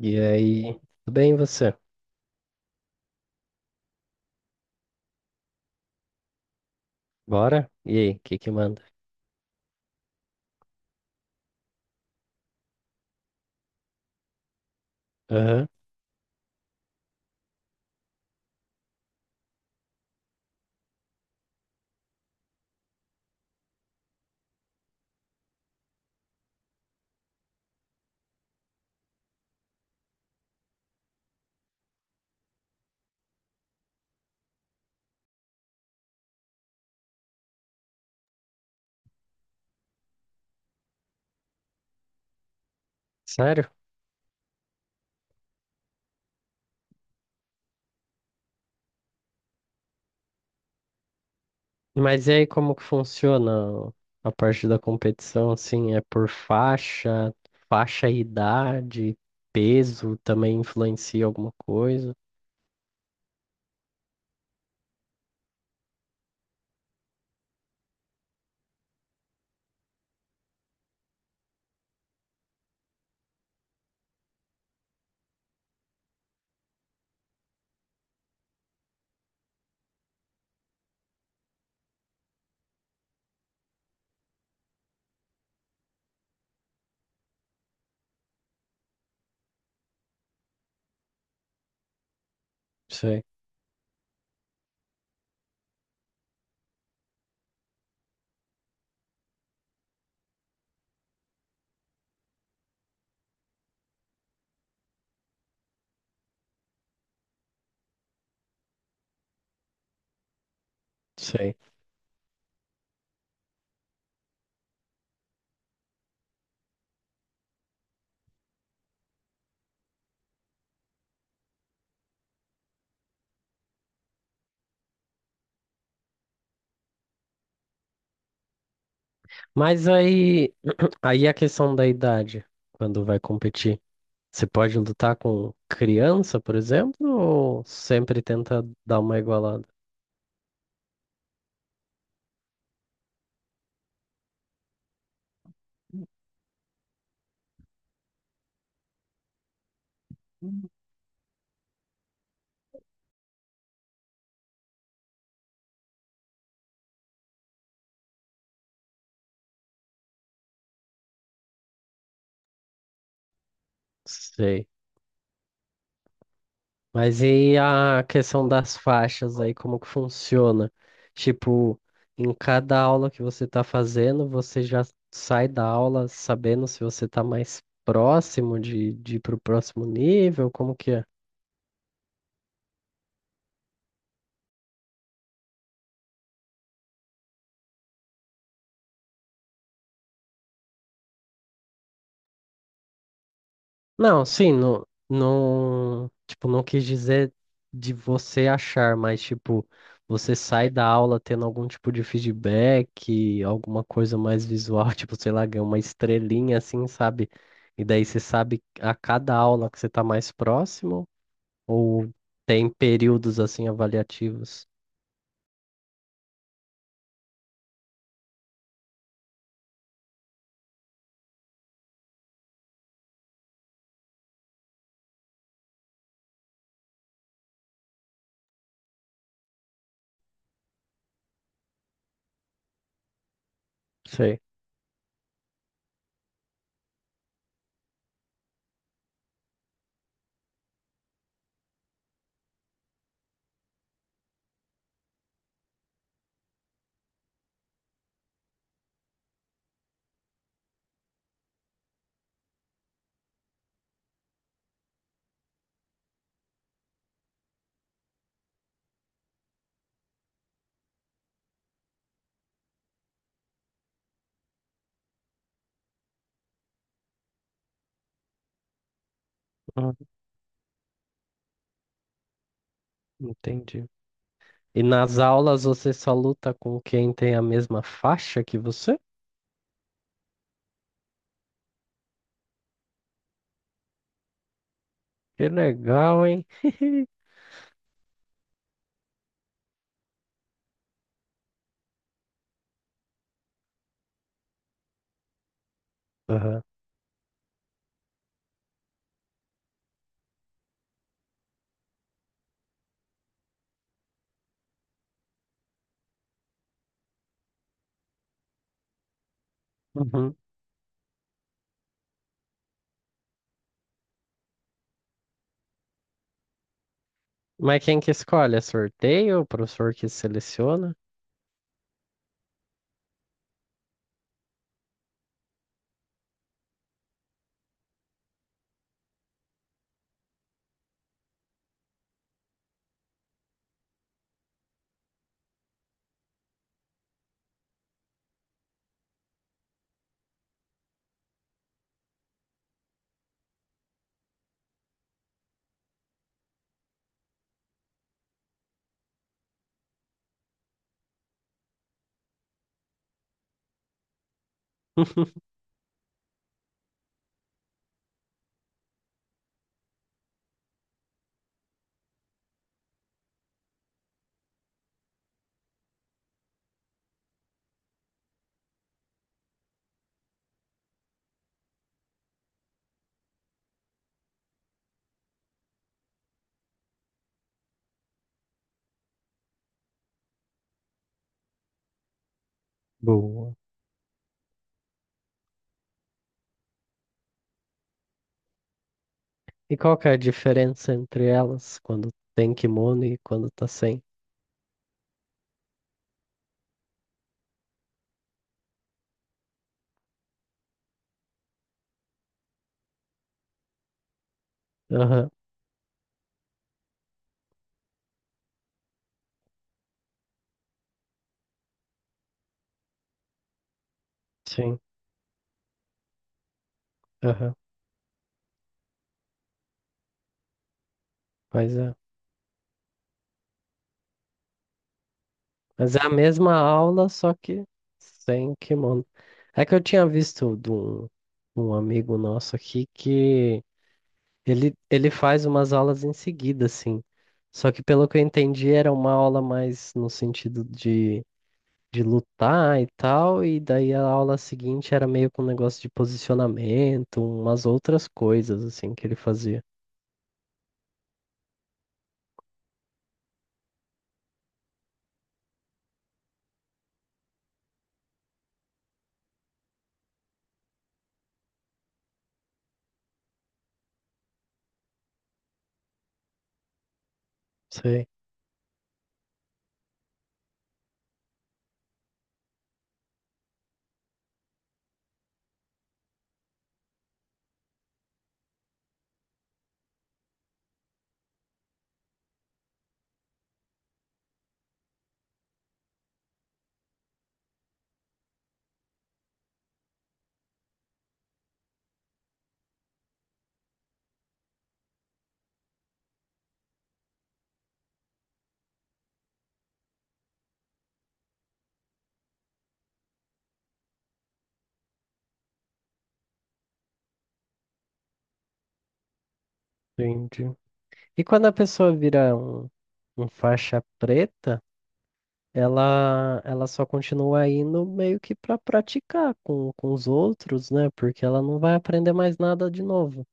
E aí, tudo bem e você? Bora? E aí, o que que manda? Aham. Sério? Mas e aí, como que funciona a parte da competição, assim, é por faixa, faixa e idade, peso também influencia alguma coisa? Sei, sei. Mas aí, aí a questão da idade, quando vai competir, você pode lutar com criança, por exemplo, ou sempre tenta dar uma igualada? Sei. Mas e a questão das faixas aí, como que funciona? Tipo, em cada aula que você tá fazendo, você já sai da aula sabendo se você tá mais próximo de ir pro próximo nível? Como que é? Não, sim, não, não, tipo, não quis dizer de você achar, mas tipo, você sai da aula tendo algum tipo de feedback, alguma coisa mais visual, tipo, sei lá, ganha uma estrelinha assim, sabe? E daí você sabe a cada aula que você tá mais próximo, ou tem períodos assim avaliativos. Sei. Ah, entendi. E nas aulas você só luta com quem tem a mesma faixa que você? Que legal, hein? Aham. Uhum. Mas quem que escolhe? É sorteio? O professor que seleciona? Boa. E qual que é a diferença entre elas quando tem kimono e quando tá sem? Aham, sim, aham, mas é. Mas é a mesma aula, só que sem kimono. É que eu tinha visto de um amigo nosso aqui que ele faz umas aulas em seguida, assim. Só que pelo que eu entendi, era uma aula mais no sentido de lutar e tal, e daí a aula seguinte era meio com um negócio de posicionamento, umas outras coisas assim que ele fazia. Sei, entendi. E quando a pessoa vira um faixa preta, ela só continua indo meio que para praticar com os outros, né? Porque ela não vai aprender mais nada de novo.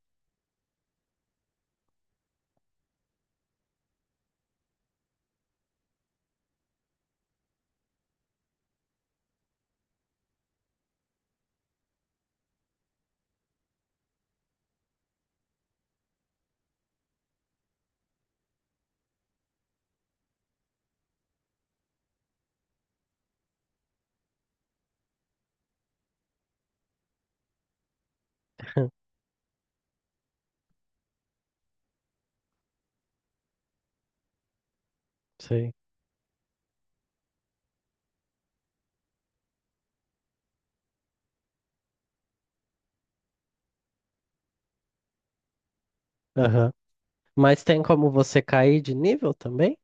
Sei. Aham. Mas tem como você cair de nível também?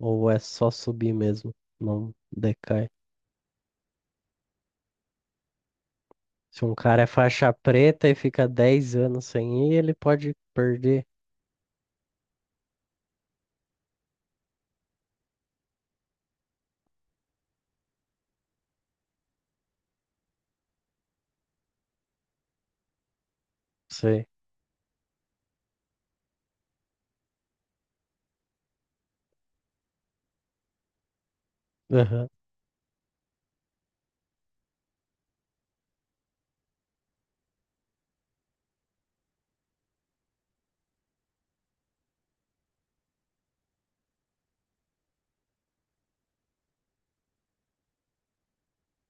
Ou é só subir mesmo? Não decai. Se um cara é faixa preta e fica 10 anos sem ir, ele pode perder. Sei. Aham.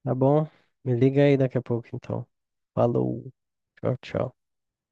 Tá bom? Me liga aí daqui a pouco, então. Falou. Tchau, tchau.